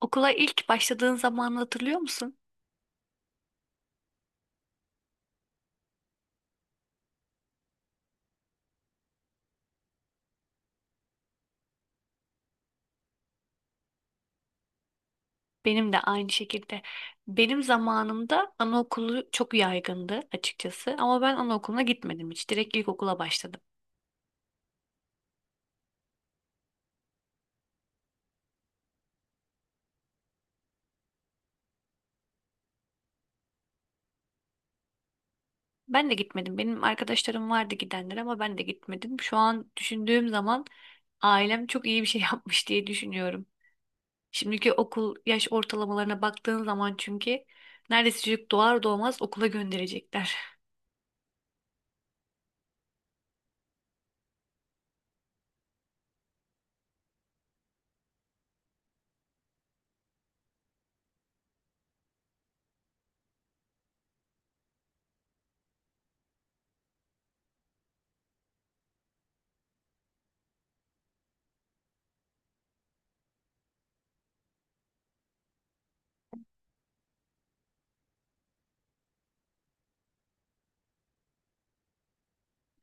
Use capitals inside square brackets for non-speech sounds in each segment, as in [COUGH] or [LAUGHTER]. Okula ilk başladığın zamanı hatırlıyor musun? Benim de aynı şekilde. Benim zamanımda anaokulu çok yaygındı açıkçası ama ben anaokuluna gitmedim hiç. Direkt ilkokula başladım. Ben de gitmedim. Benim arkadaşlarım vardı gidenler ama ben de gitmedim. Şu an düşündüğüm zaman ailem çok iyi bir şey [LAUGHS] yapmış diye düşünüyorum. Şimdiki okul yaş ortalamalarına baktığın zaman çünkü neredeyse çocuk doğar doğmaz okula gönderecekler.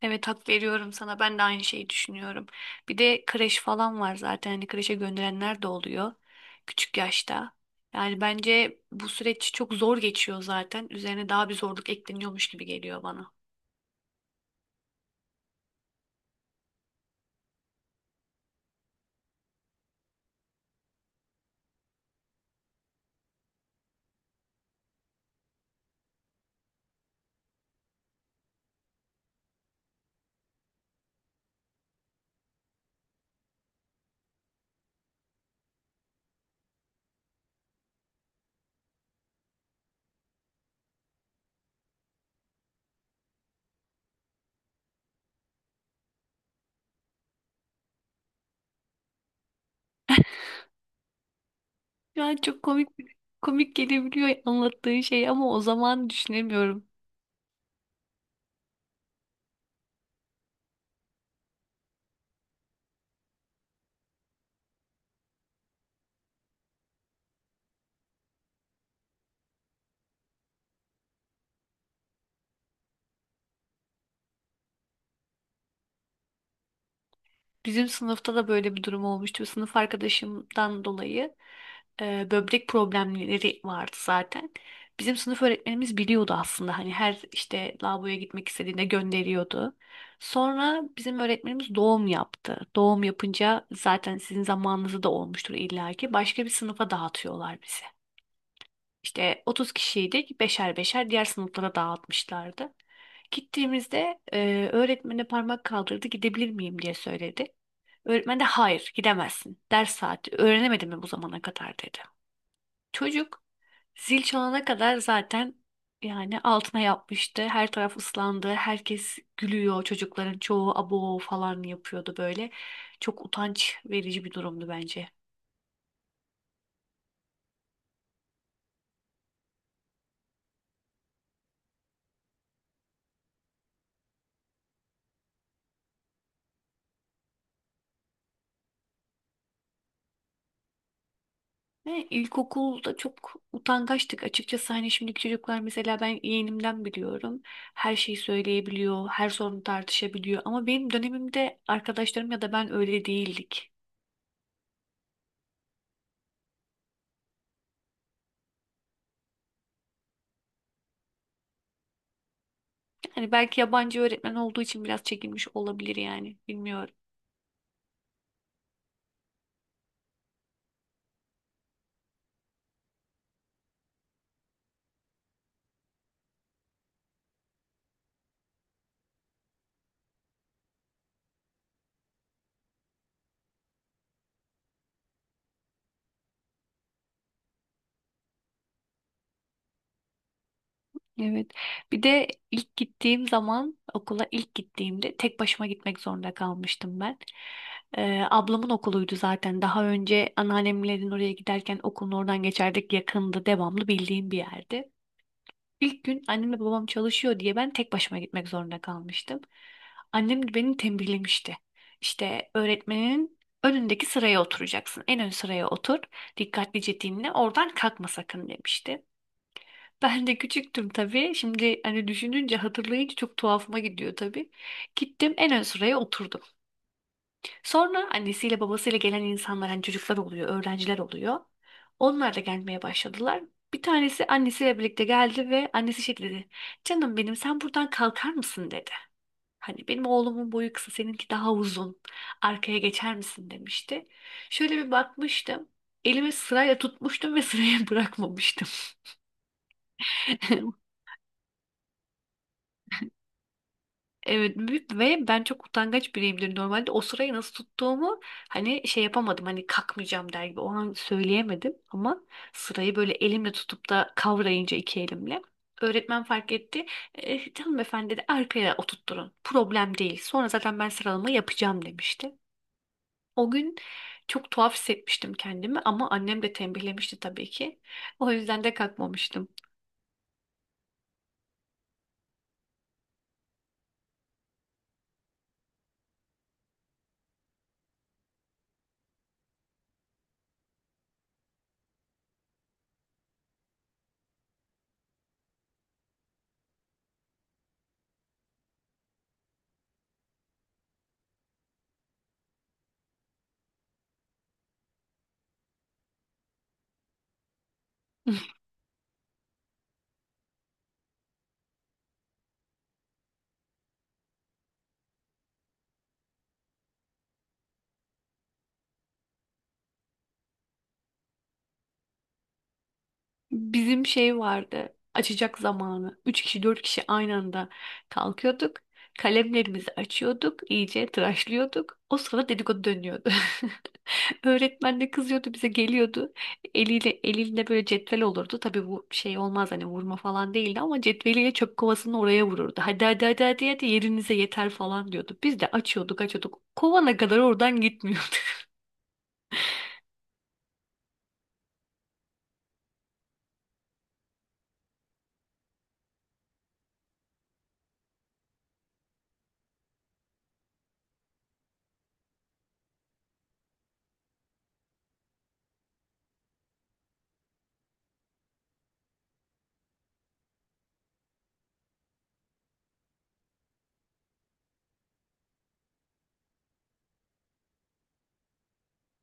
Evet, hak veriyorum sana. Ben de aynı şeyi düşünüyorum. Bir de kreş falan var zaten. Hani kreşe gönderenler de oluyor küçük yaşta. Yani bence bu süreç çok zor geçiyor zaten. Üzerine daha bir zorluk ekleniyormuş gibi geliyor bana. Yani çok komik, komik gelebiliyor anlattığın şey ama o zaman düşünemiyorum. Bizim sınıfta da böyle bir durum olmuştu. Sınıf arkadaşımdan dolayı böbrek problemleri vardı zaten. Bizim sınıf öğretmenimiz biliyordu aslında. Hani her işte lavaboya gitmek istediğinde gönderiyordu. Sonra bizim öğretmenimiz doğum yaptı. Doğum yapınca zaten sizin zamanınızda da olmuştur illaki. Başka bir sınıfa dağıtıyorlar bizi. İşte 30 kişiydik. Beşer beşer diğer sınıflara dağıtmışlardı. Gittiğimizde öğretmene parmak kaldırdı. Gidebilir miyim diye söyledi. Öğretmen de hayır, gidemezsin. Ders saati öğrenemedin mi bu zamana kadar, dedi. Çocuk zil çalana kadar zaten yani altına yapmıştı. Her taraf ıslandı. Herkes gülüyor. Çocukların çoğu abo falan yapıyordu böyle. Çok utanç verici bir durumdu bence. Ne, ilkokulda çok utangaçtık açıkçası, hani şimdiki çocuklar mesela, ben yeğenimden biliyorum her şeyi söyleyebiliyor, her sorunu tartışabiliyor ama benim dönemimde arkadaşlarım ya da ben öyle değildik. Yani belki yabancı öğretmen olduğu için biraz çekinmiş olabilir, yani bilmiyorum. Evet. Bir de ilk gittiğim zaman, okula ilk gittiğimde tek başıma gitmek zorunda kalmıştım ben. Ablamın okuluydu zaten. Daha önce anneannemlerin oraya giderken okulun oradan geçerdik. Yakındı, devamlı bildiğim bir yerdi. İlk gün annemle babam çalışıyor diye ben tek başıma gitmek zorunda kalmıştım. Annem de beni tembihlemişti. İşte öğretmenin önündeki sıraya oturacaksın. En ön sıraya otur. Dikkatlice dinle. Oradan kalkma sakın, demişti. Ben de küçüktüm tabii. Şimdi hani düşününce, hatırlayınca çok tuhafıma gidiyor tabii. Gittim, en ön sıraya oturdum. Sonra annesiyle babasıyla gelen insanlar, hani çocuklar oluyor, öğrenciler oluyor. Onlar da gelmeye başladılar. Bir tanesi annesiyle birlikte geldi ve annesi şey dedi. Canım benim, sen buradan kalkar mısın, dedi. Hani benim oğlumun boyu kısa, seninki daha uzun. Arkaya geçer misin, demişti. Şöyle bir bakmıştım. Elimi sırayla tutmuştum ve sıraya bırakmamıştım. [LAUGHS] Evet, büyük ve ben çok utangaç biriyimdir normalde. O sırayı nasıl tuttuğumu hani şey yapamadım. Hani kalkmayacağım der gibi o an söyleyemedim ama sırayı böyle elimle tutup da kavrayınca iki elimle, öğretmen fark etti. Canım efendi, dedi, arkaya oturtturun. Problem değil. Sonra zaten ben sıralama yapacağım, demişti. O gün çok tuhaf hissetmiştim kendimi ama annem de tembihlemişti tabii ki. O yüzden de kalkmamıştım. [LAUGHS] Bizim şey vardı. Açacak zamanı. Üç kişi, dört kişi aynı anda kalkıyorduk. Kalemlerimizi açıyorduk, iyice tıraşlıyorduk. O sırada dedikodu dönüyordu. [LAUGHS] Öğretmen de kızıyordu, bize geliyordu. Eliyle, elinde böyle cetvel olurdu. Tabii bu şey olmaz hani, vurma falan değildi ama cetveliyle çöp kovasını oraya vururdu. Hadi hadi hadi hadi, hadi yerinize yeter falan diyordu. Biz de açıyorduk. Kovana kadar oradan gitmiyordu.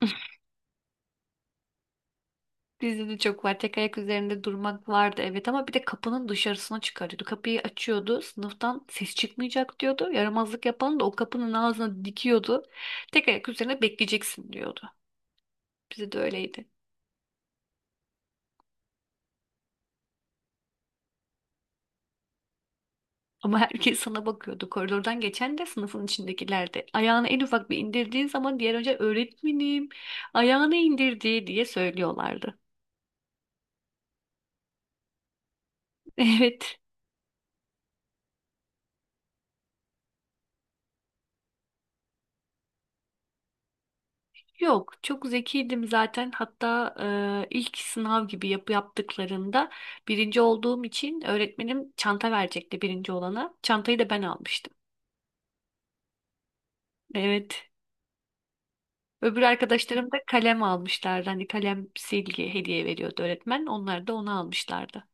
[LAUGHS] Bizde de çok var. Tek ayak üzerinde durmak vardı evet, ama bir de kapının dışarısına çıkarıyordu. Kapıyı açıyordu. Sınıftan ses çıkmayacak, diyordu. Yaramazlık yapan da o kapının ağzına dikiyordu. Tek ayak üzerine bekleyeceksin, diyordu. Bize de öyleydi. Ama herkes sana bakıyordu. Koridordan geçen de, sınıfın içindekiler de. Ayağını en ufak bir indirdiğin zaman diğer önce öğretmenim ayağını indirdi diye söylüyorlardı. [LAUGHS] Evet. Yok, çok zekiydim zaten. Hatta ilk sınav gibi yaptıklarında birinci olduğum için öğretmenim çanta verecekti birinci olana. Çantayı da ben almıştım. Evet. Öbür arkadaşlarım da kalem almışlardı. Hani kalem silgi hediye veriyordu öğretmen. Onlar da onu almışlardı.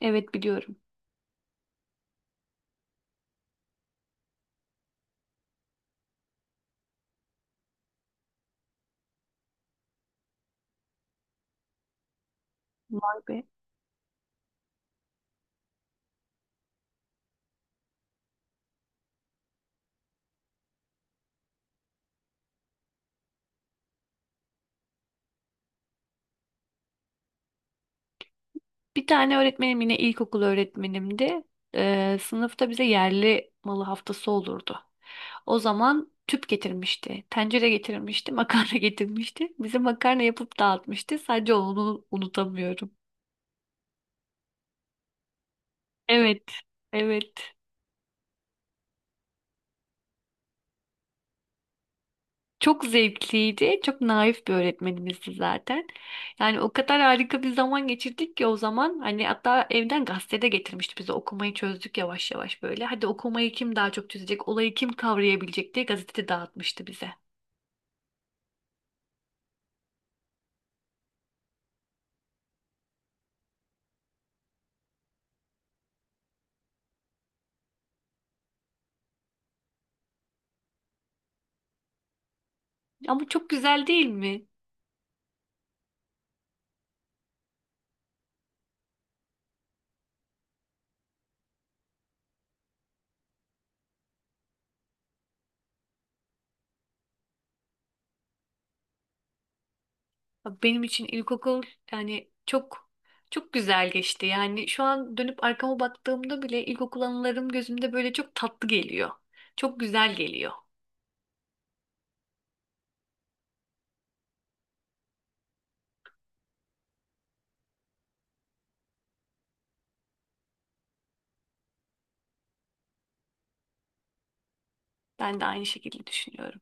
Evet, biliyorum. Vay be. Bir tane öğretmenim yine ilkokul öğretmenimdi. Sınıfta bize yerli malı haftası olurdu. O zaman tüp getirmişti, tencere getirmişti, makarna [LAUGHS] getirmişti. Bize makarna yapıp dağıtmıştı. Sadece onu unutamıyorum. Evet, evet. Çok zevkliydi. Çok naif bir öğretmenimizdi zaten. Yani o kadar harika bir zaman geçirdik ki o zaman. Hani hatta evden gazete de getirmişti bize. Okumayı çözdük yavaş yavaş böyle. Hadi okumayı kim daha çok çözecek, olayı kim kavrayabilecek diye gazete dağıtmıştı bize. Ama çok güzel değil mi? Abi, benim için ilkokul yani çok çok güzel geçti. Yani şu an dönüp arkama baktığımda bile ilkokul anılarım gözümde böyle çok tatlı geliyor. Çok güzel geliyor. Ben de aynı şekilde düşünüyorum.